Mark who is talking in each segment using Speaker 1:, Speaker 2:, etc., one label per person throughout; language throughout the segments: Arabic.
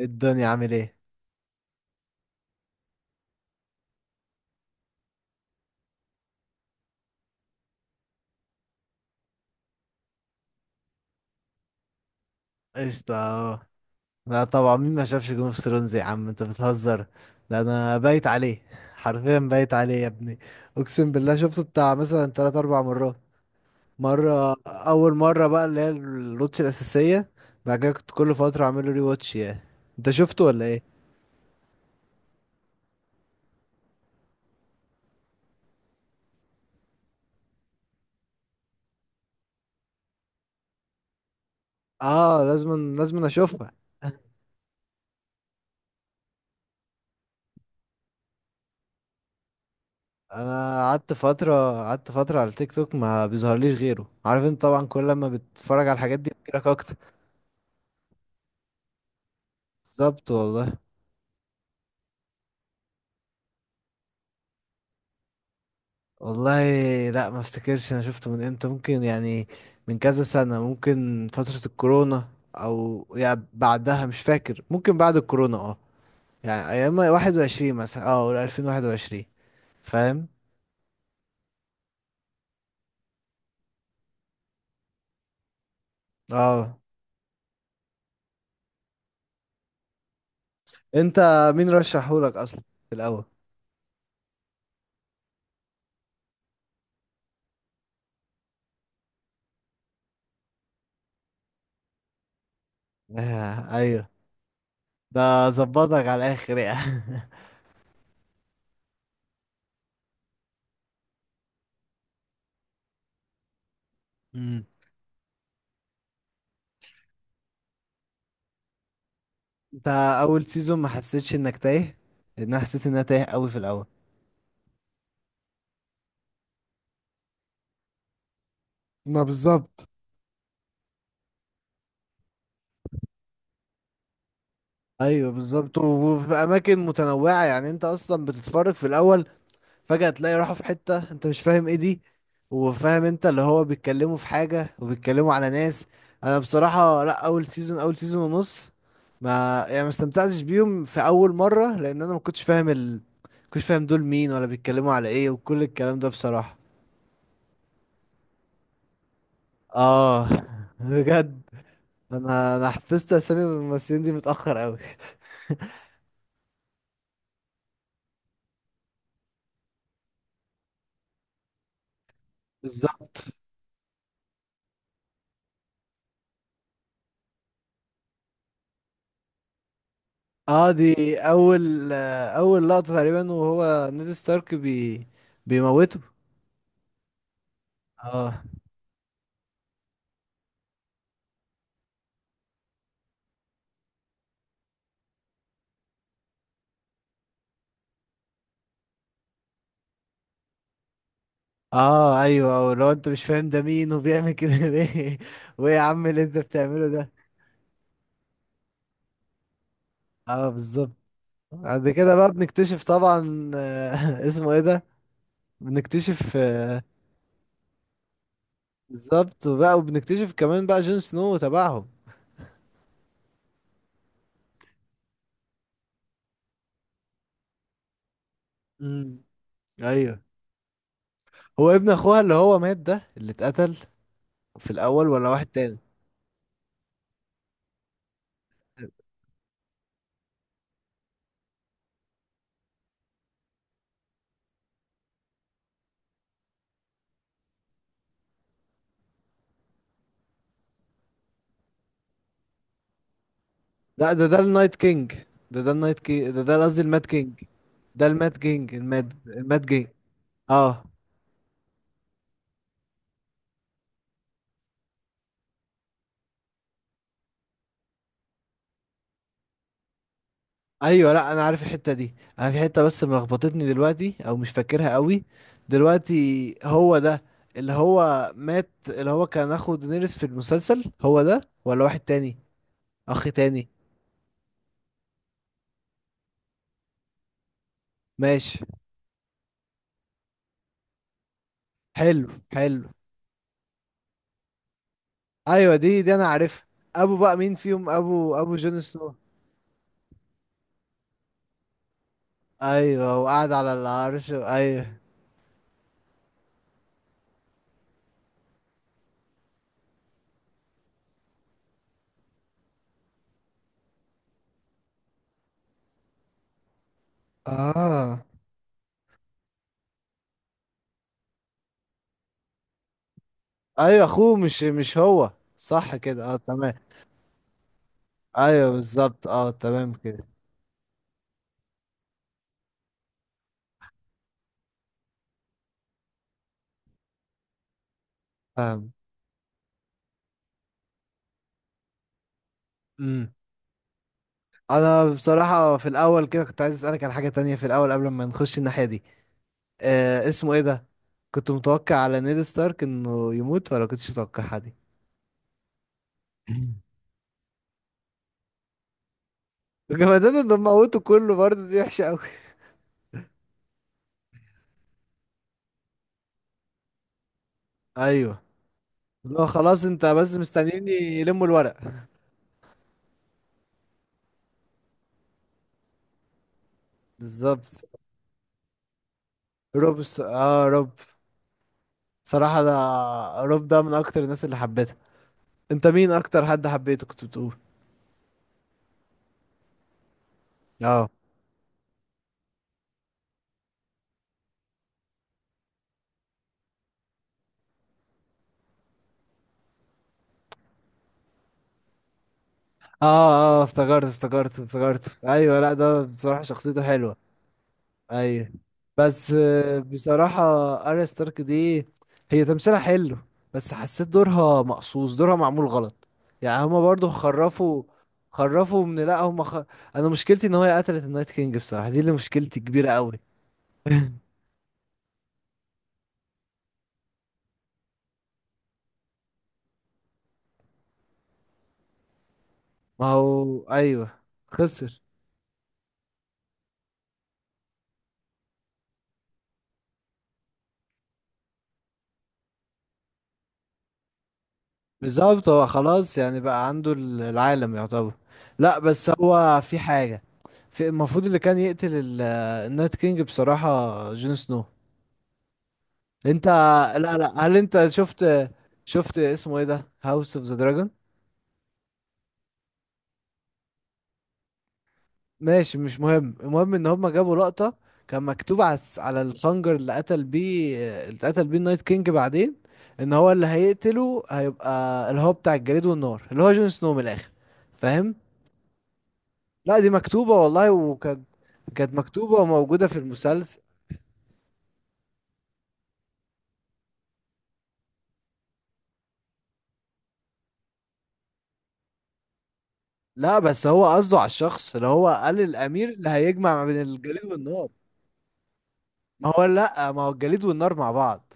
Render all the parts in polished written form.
Speaker 1: الدنيا عامل ايه؟ قشطة. اه. لا طبعا، مين ما شافش جيم اوف ثرونز؟ يا عم انت بتهزر. ده انا بايت عليه، حرفيا بايت عليه يا ابني. اقسم بالله شفته بتاع مثلا تلات اربع مرات. اول مرة بقى اللي هي الواتش الاساسية. بعد كده كنت كل فترة اعمل له ري واتش يعني. انت شفته ولا ايه؟ اه، لازم لازم اشوفها. انا قعدت فترة على التيك توك، ما بيظهرليش غيره. عارف انت طبعا كل لما بتتفرج على الحاجات دي بتجيلك اكتر. بالظبط والله. والله لا، ما افتكرش انا شفته من امتى. ممكن يعني من كذا سنة، ممكن فترة الكورونا. او يعني بعدها، مش فاكر. ممكن بعد الكورونا، اه. يعني ايام 21 مثلا، اه، ولا 2021؟ فاهم. اه. انت مين رشحهولك اصلا في الاول؟ آه ايوه. ده ظبطك على الاخر يعني. مم. انت اول سيزون ما حسيتش انك تايه؟ لان انا حسيت ان انا تايه قوي في الاول. ما بالظبط. ايوه بالظبط، وفي اماكن متنوعه يعني انت اصلا بتتفرج في الاول، فجاه تلاقي راحوا في حته انت مش فاهم ايه دي، وفاهم انت اللي هو بيتكلموا في حاجه وبيتكلموا على ناس. انا بصراحه لا، اول سيزون، اول سيزون ونص، ما يعني ما استمتعتش بيهم في اول مره، لان انا ما كنتش فاهم ما كنتش فاهم دول مين ولا بيتكلموا على ايه وكل الكلام ده بصراحه. اه بجد. انا حفظت اسامي الممثلين دي متاخر قوي. بالظبط. اه دي اول، لقطة تقريبا، وهو نيد ستارك بيموته. اه اه ايوه، لو انت مش فاهم ده مين وبيعمل كده ليه. وايه يا عم اللي انت بتعمله ده؟ اه بالظبط. بعد كده بقى بنكتشف طبعا، اسمه ايه ده. بنكتشف، بالظبط، وبقى وبنكتشف كمان بقى جون سنو وتبعهم. امم. ايوه. هو ابن اخوها اللي هو مات، ده اللي اتقتل في الاول، ولا واحد تاني؟ لا، ده النايت كينج، ده النايت كينج، ده قصدي المات كينج. ده المات كينج، الماد كينج. اه. ايوه لا، انا عارف الحته دي. انا في حته بس ملخبطتني دلوقتي، او مش فاكرها قوي دلوقتي. هو ده اللي هو مات، اللي هو كان اخو دينيريس في المسلسل، هو ده ولا واحد تاني، اخ تاني؟ ماشي. حلو، حلو. ايوه، دي انا عارفها. ابو بقى مين فيهم، ابو جون سنو؟ ايوه، وقعد على العرش، ايوه. اه ايوه اخوه، مش هو. صح كده، اه تمام. ايوه بالظبط، اه تمام كده. فاهم. امم. انا بصراحه في الاول كده كنت عايز اسالك على حاجه تانية في الاول قبل ما نخش الناحيه دي. اسمه ايه ده. كنت متوقع على نيد ستارك انه يموت، ولا كنتش متوقعها دي؟ وكمان انهم موتوا كله برضه، دي وحشه قوي. ايوه، اللي هو خلاص انت بس مستنيين يلموا الورق. بالظبط. روب س... اه روب. صراحه ده، روب ده من اكتر الناس اللي حبيتها. انت مين اكتر حد حبيته كنت بتقول؟ اه اه اه افتكرت افتكرت افتكرت، ايوه لا، ده بصراحة شخصيته حلوة. ايوه بس، بصراحة اريا ستارك دي، هي تمثيلها حلو. بس حسيت دورها مقصوص، دورها معمول غلط. يعني هما برضو خرفوا من لا هما انا مشكلتي ان هي قتلت النايت كينج، بصراحة دي اللي مشكلتي كبيرة قوي. ما هو ايوه، خسر. بالظبط، هو خلاص يعني بقى عنده العالم يعتبر. لا بس هو في حاجة، في المفروض اللي كان يقتل النايت كينج، بصراحة جون سنو. انت، لا لا، هل انت شفت اسمه ايه ده، هاوس اوف ذا دراجون؟ ماشي مش مهم، المهم ان هما جابوا لقطة. كان مكتوب على الخنجر اللي قتل بيه، اللي قتل بيه النايت كينج بعدين، ان هو اللي هيقتله هيبقى اللي هو بتاع الجليد والنار اللي هو جون سنو من الاخر. فاهم؟ لا دي مكتوبة والله، وكانت مكتوبة وموجودة في المسلسل. لا بس هو قصده على الشخص اللي هو قال الأمير اللي هيجمع ما بين الجليد والنار. ما هو لا، ما هو الجليد والنار مع بعض.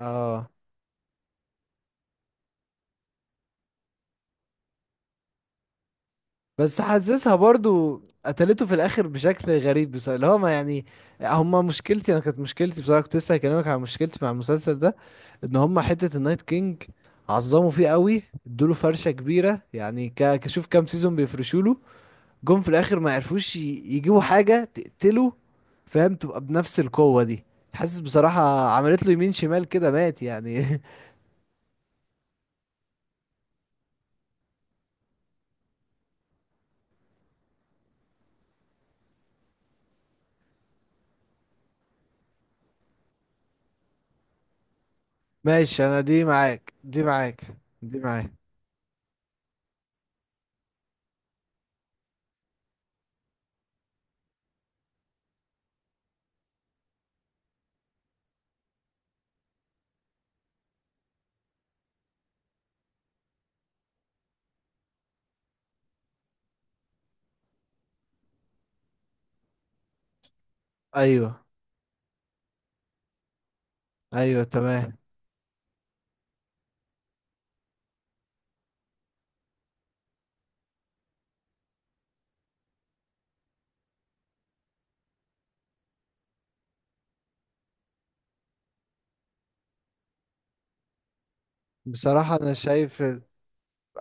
Speaker 1: اه بس حسسها برضو قتلته في الآخر بشكل غريب، بصراحة اللي هو ما يعني. هما مشكلتي أنا، كانت مشكلتي بصراحة كنت لسه هكلمك عن مشكلتي مع المسلسل ده، ان هما حتة النايت كينج عظموا فيه قوي، ادوله فرشة كبيرة يعني، كشوف كام سيزون بيفرشوله. جم في الاخر ما عرفوش يجيبوا حاجه تقتله، فاهم، تبقى بنفس القوه دي. حاسس بصراحه عملت له يمين شمال كده مات يعني ماشي انا دي معاك، دي معاك، دي معاك. ايوه ايوه تمام. بصراحه انا شايف ال-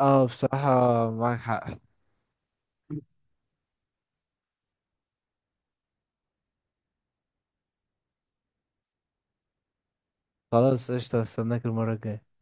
Speaker 1: اه بصراحه، معاك حق. خلاص قشطه، استناك المره الجايه.